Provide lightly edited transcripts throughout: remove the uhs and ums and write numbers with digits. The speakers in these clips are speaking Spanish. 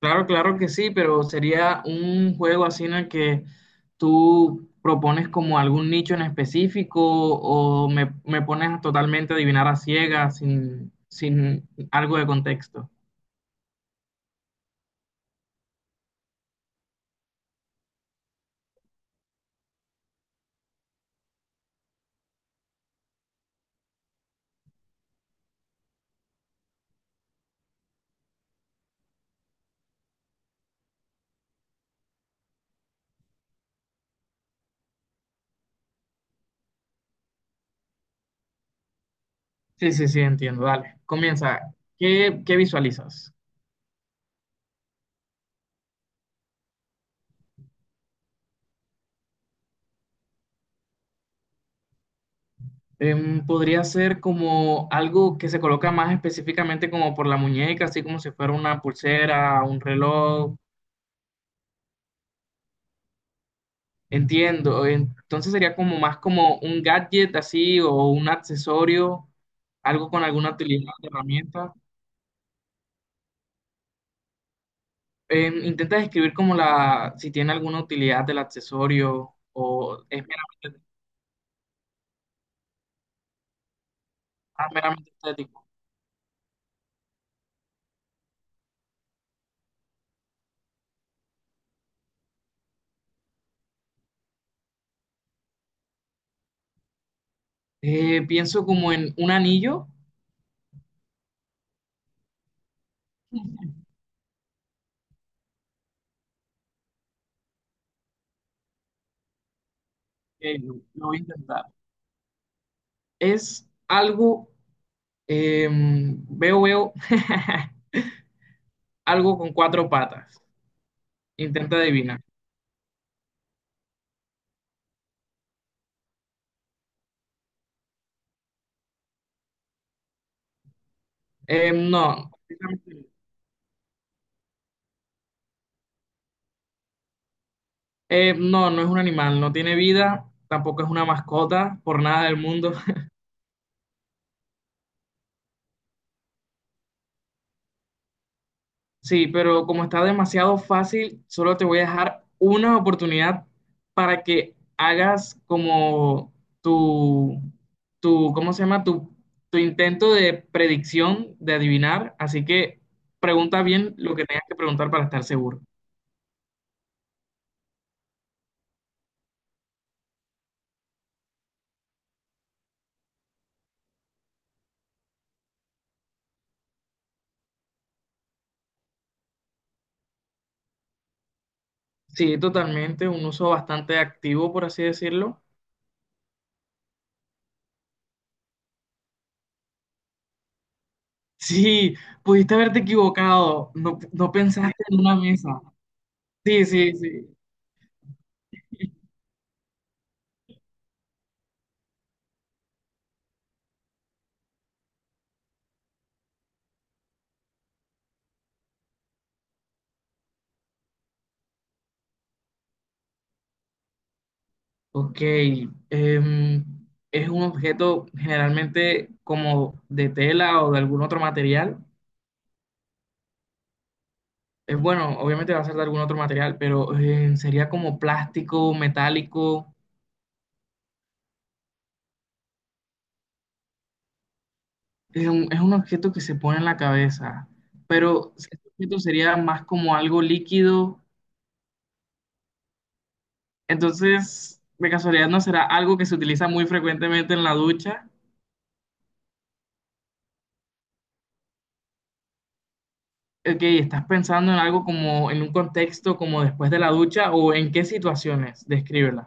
Claro, claro que sí, pero sería un juego así en el que tú propones como algún nicho en específico o me pones a totalmente adivinar a ciegas sin algo de contexto. Sí, sí, sí, entiendo. Dale, comienza. ¿Qué visualizas? Podría ser como algo que se coloca más específicamente como por la muñeca, así como si fuera una pulsera, un reloj. Entiendo, entonces sería como más como un gadget así o un accesorio, algo con alguna utilidad herramienta. Intenta describir como la, si tiene alguna utilidad del accesorio o es meramente, ah, meramente estético. Pienso como en un anillo, que lo voy a intentar. Es algo, veo, algo con cuatro patas. Intenta adivinar. No. No, no es un animal, no tiene vida, tampoco es una mascota, por nada del mundo. Sí, pero como está demasiado fácil, solo te voy a dejar una oportunidad para que hagas como tu, tu, ¿cómo se llama? Tu intento de predicción, de adivinar. Así que pregunta bien lo que tengas que preguntar para estar seguro. Sí, totalmente, un uso bastante activo, por así decirlo. Sí, pudiste haberte equivocado, no, no pensaste en una mesa. Sí, sí, sí. Ok. em, es un objeto generalmente como de tela o de algún otro material. Es bueno, obviamente va a ser de algún otro material, pero sería como plástico, metálico. Es un objeto que se pone en la cabeza, pero si este objeto sería más como algo líquido. Entonces, de casualidad, ¿no será algo que se utiliza muy frecuentemente en la ducha? Ok, ¿estás pensando en algo como en un contexto como después de la ducha o en qué situaciones? Descríbela.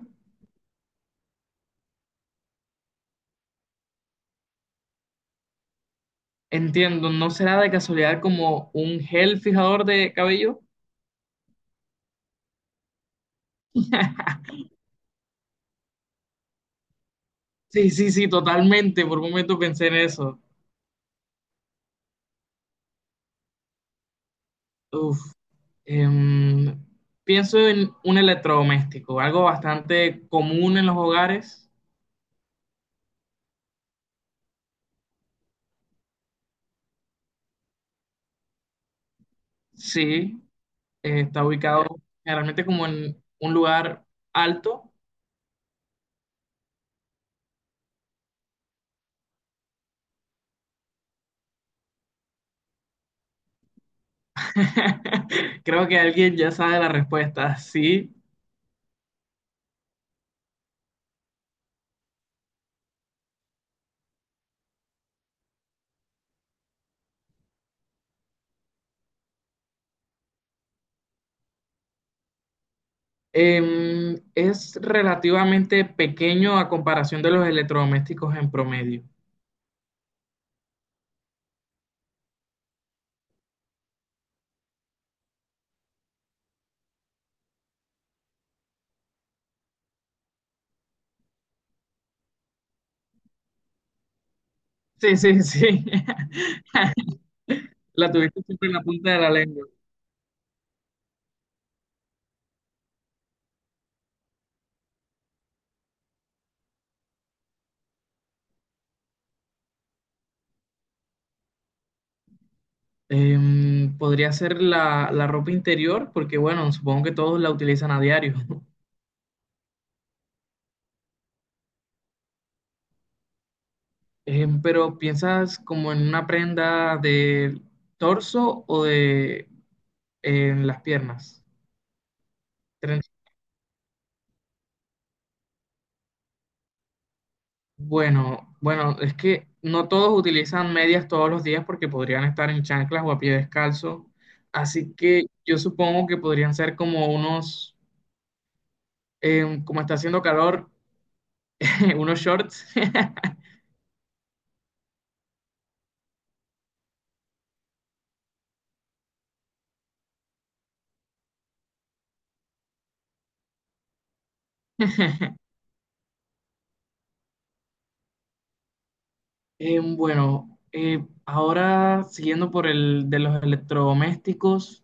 Entiendo, ¿no será de casualidad como un gel fijador de cabello? Sí, sí, sí, totalmente. Por un momento pensé en eso. Uf. em, Pienso en un electrodoméstico, algo bastante común en los hogares. Sí, está ubicado generalmente como en un lugar alto. Creo que alguien ya sabe la respuesta. Sí. Es relativamente pequeño a comparación de los electrodomésticos en promedio. Sí, sí, sí. La tuviste siempre en la punta de la lengua. Podría ser la ropa interior, porque bueno, supongo que todos la utilizan a diario. Pero ¿piensas como en una prenda de torso o de en las piernas? Bueno, bueno, es que no todos utilizan medias todos los días porque podrían estar en chanclas o a pie descalzo. Así que yo supongo que podrían ser como unos, como está haciendo calor, unos shorts. Bueno, ahora siguiendo por el de los electrodomésticos,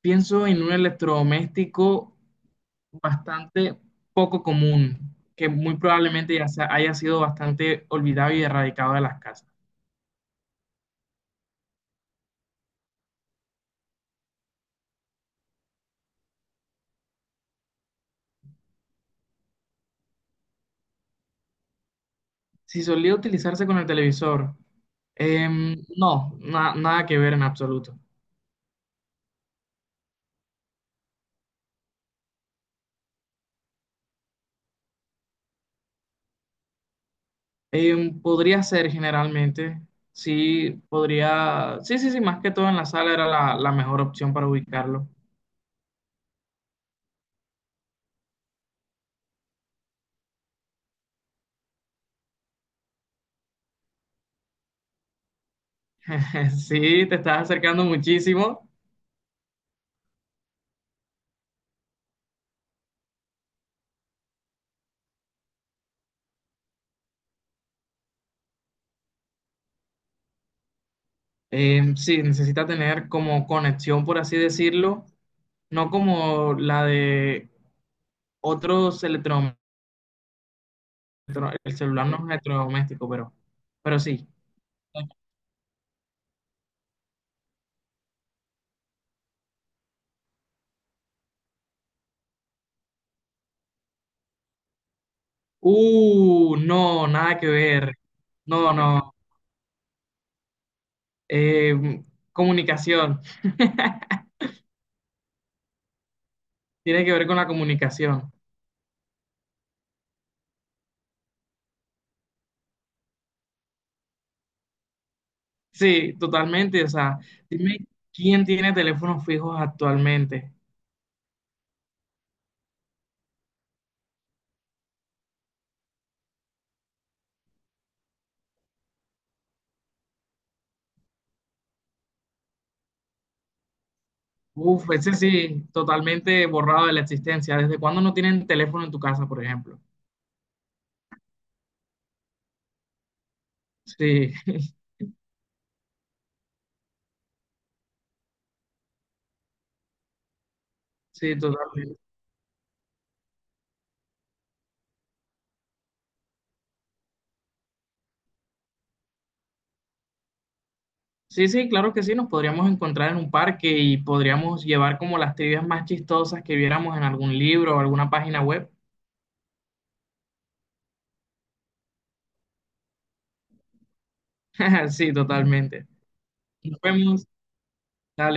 pienso en un electrodoméstico bastante poco común, que muy probablemente haya sido bastante olvidado y erradicado de las casas. Si solía utilizarse con el televisor, no, nada que ver en absoluto. Podría ser generalmente, sí, podría, sí, sí, sí, más que todo en la sala era la mejor opción para ubicarlo. Sí, te estás acercando muchísimo. Sí, necesita tener como conexión, por así decirlo, no como la de otros electrodomésticos, el celular no es electrodoméstico, pero sí. No, nada que ver. No, no. Eh, Comunicación. Tiene que ver con la comunicación. Sí, totalmente. O sea, dime quién tiene teléfonos fijos actualmente. Uf, ese sí, totalmente borrado de la existencia. ¿Desde cuándo no tienen teléfono en tu casa, por ejemplo? Sí, sí, totalmente. Sí, sí, claro que sí, nos podríamos encontrar en un parque y podríamos llevar como las trivias más chistosas que viéramos en algún libro o alguna página web. Sí, totalmente. Nos vemos. Dale.